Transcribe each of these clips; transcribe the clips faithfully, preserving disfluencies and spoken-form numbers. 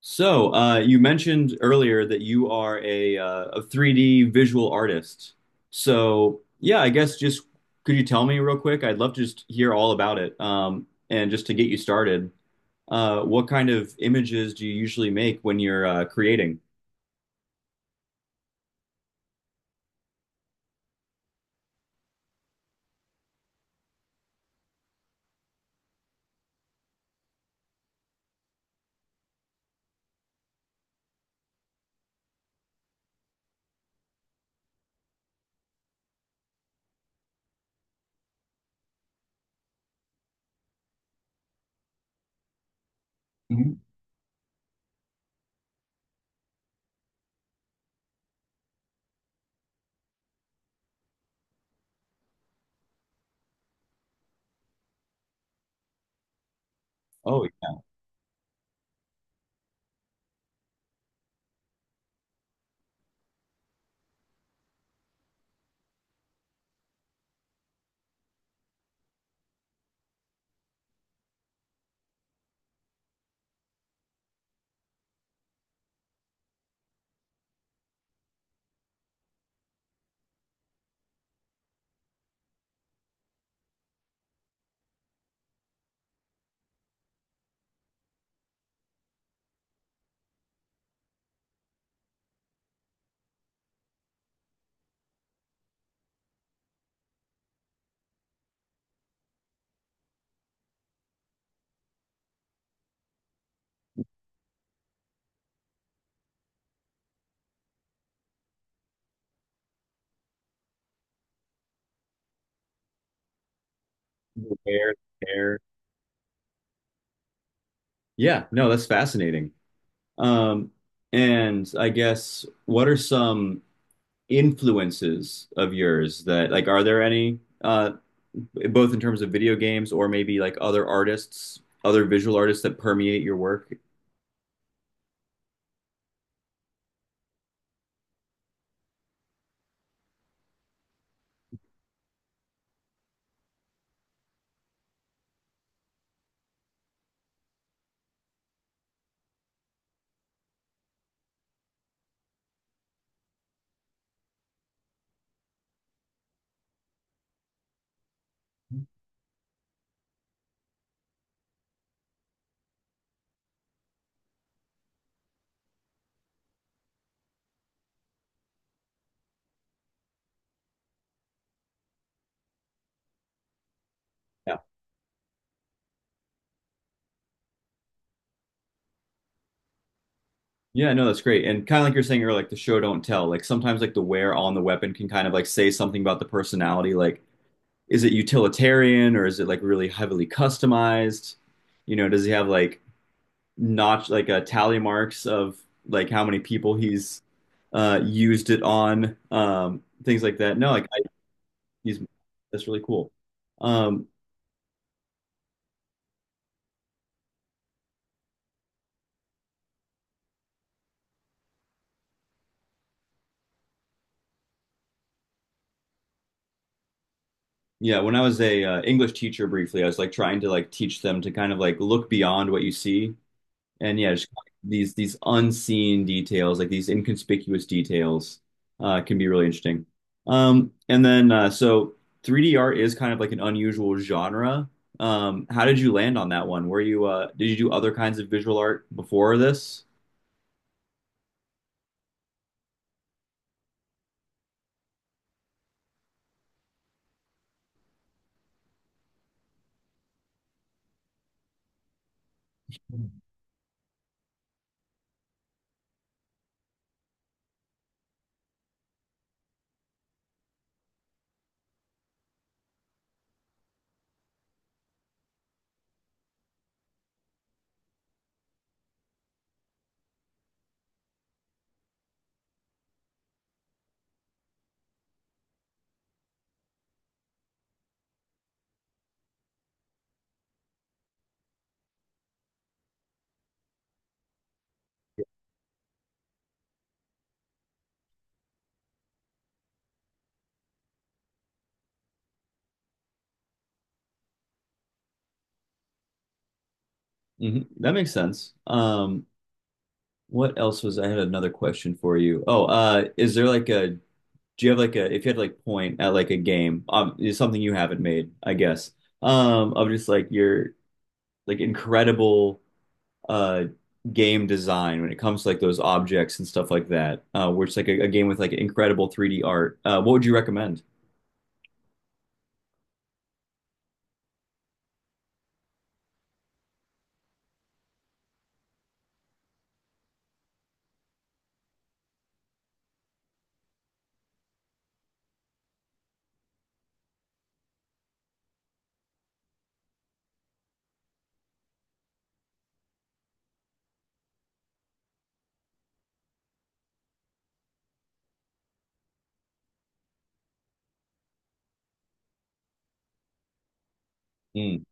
So, uh, you mentioned earlier that you are a uh, a three D visual artist. So, yeah, I guess just Could you tell me real quick? I'd love to just hear all about it. Um, and just to get you started, uh, what kind of images do you usually make when you're uh, creating? Oh, yeah, hair, hair. Yeah, no, that's fascinating. Um, and I guess what are some influences of yours that like are there any? Uh, both in terms of video games or maybe like other artists, other visual artists that permeate your work. Yeah. Yeah, no, that's great. And kind of like you're saying earlier, like the show don't tell. Like sometimes like the wear on the weapon can kind of like say something about the personality. Like, is it utilitarian or is it like really heavily customized? You know, does he have like notch like uh, tally marks of like how many people he's uh used it on, um, things like that. No, like I, he's that's really cool. Um, Yeah, when I was a uh, English teacher briefly, I was like trying to like teach them to kind of like look beyond what you see, and yeah, just like, these these unseen details, like these inconspicuous details, uh, can be really interesting. Um, and then uh, so three D art is kind of like an unusual genre. Um, how did you land on that one? Were you uh, Did you do other kinds of visual art before this? Hmm, that makes sense. Um, what else was I had another question for you. Oh, uh, is there like a do you have like a if you had to like point at like a game, um, it's something you haven't made, I guess, um, of just like your like incredible uh game design when it comes to like those objects and stuff like that, uh, where it's like a, a game with like incredible three D art. Uh, what would you recommend? Mm.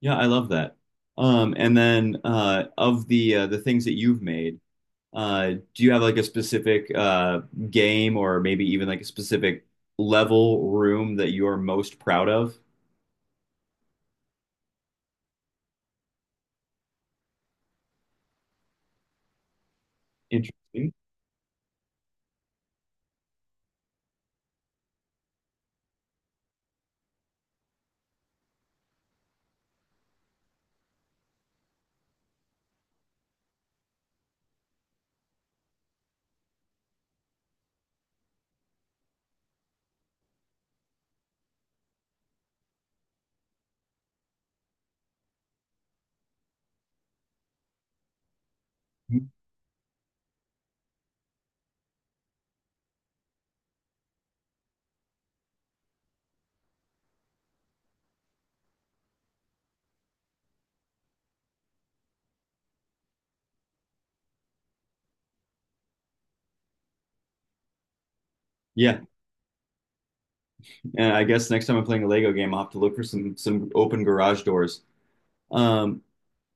Yeah, I love that. Um, and then uh, Of the uh, the things that you've made, uh, do you have like a specific uh game or maybe even like a specific level room that you're most proud of? Interesting. Yeah, and I guess next time I'm playing a Lego game, I'll have to look for some some open garage doors. Um,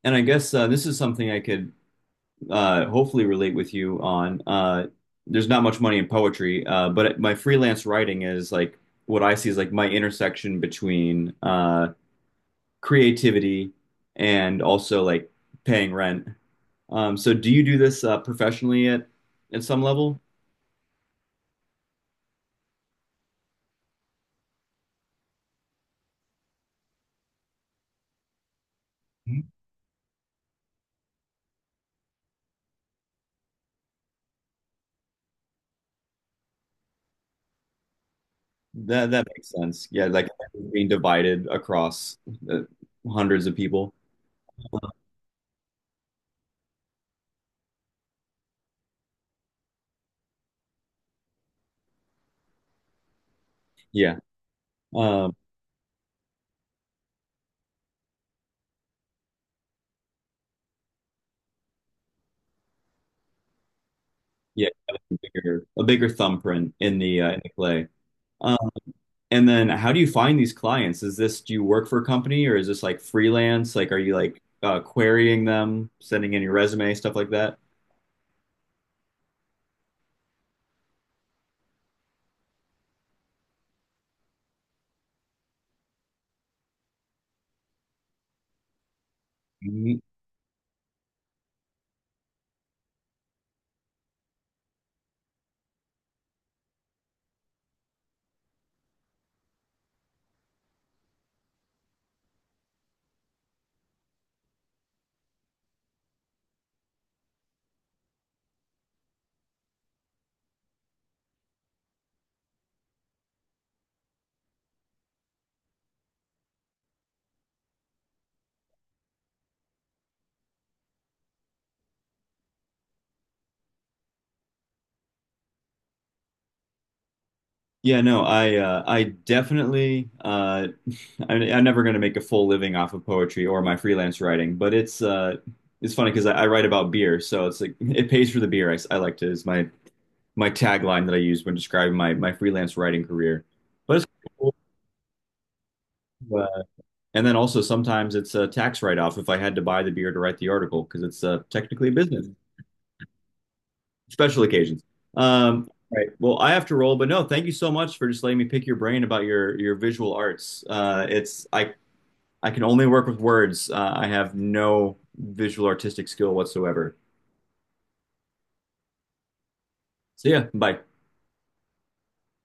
and I guess uh, This is something I could uh, hopefully relate with you on. Uh, there's not much money in poetry, uh, but my freelance writing is like what I see is like my intersection between uh, creativity and also like paying rent. Um, so do you do this uh, professionally at at some level? That that makes sense. Yeah, like being divided across uh, hundreds of people. Yeah. Um, yeah, having a bigger a bigger thumbprint in the uh, in the clay. Um, and then how do you find these clients? Is this do you work for a company or is this like freelance? Like are you like uh, querying them, sending in your resume, stuff like that? Mhm. Yeah, no, I uh, I definitely uh, I'm, I'm never going to make a full living off of poetry or my freelance writing, but it's uh it's funny because I, I write about beer, so it's like it pays for the beer. I, s- I like to is my my tagline that I use when describing my my freelance writing career. But it's cool. Uh, and then also sometimes it's a tax write-off if I had to buy the beer to write the article because it's uh, technically a business, special occasions. Um, all right. Well, I have to roll, but no, thank you so much for just letting me pick your brain about your your visual arts. Uh, it's I I can only work with words. Uh, I have no visual artistic skill whatsoever. So yeah, bye.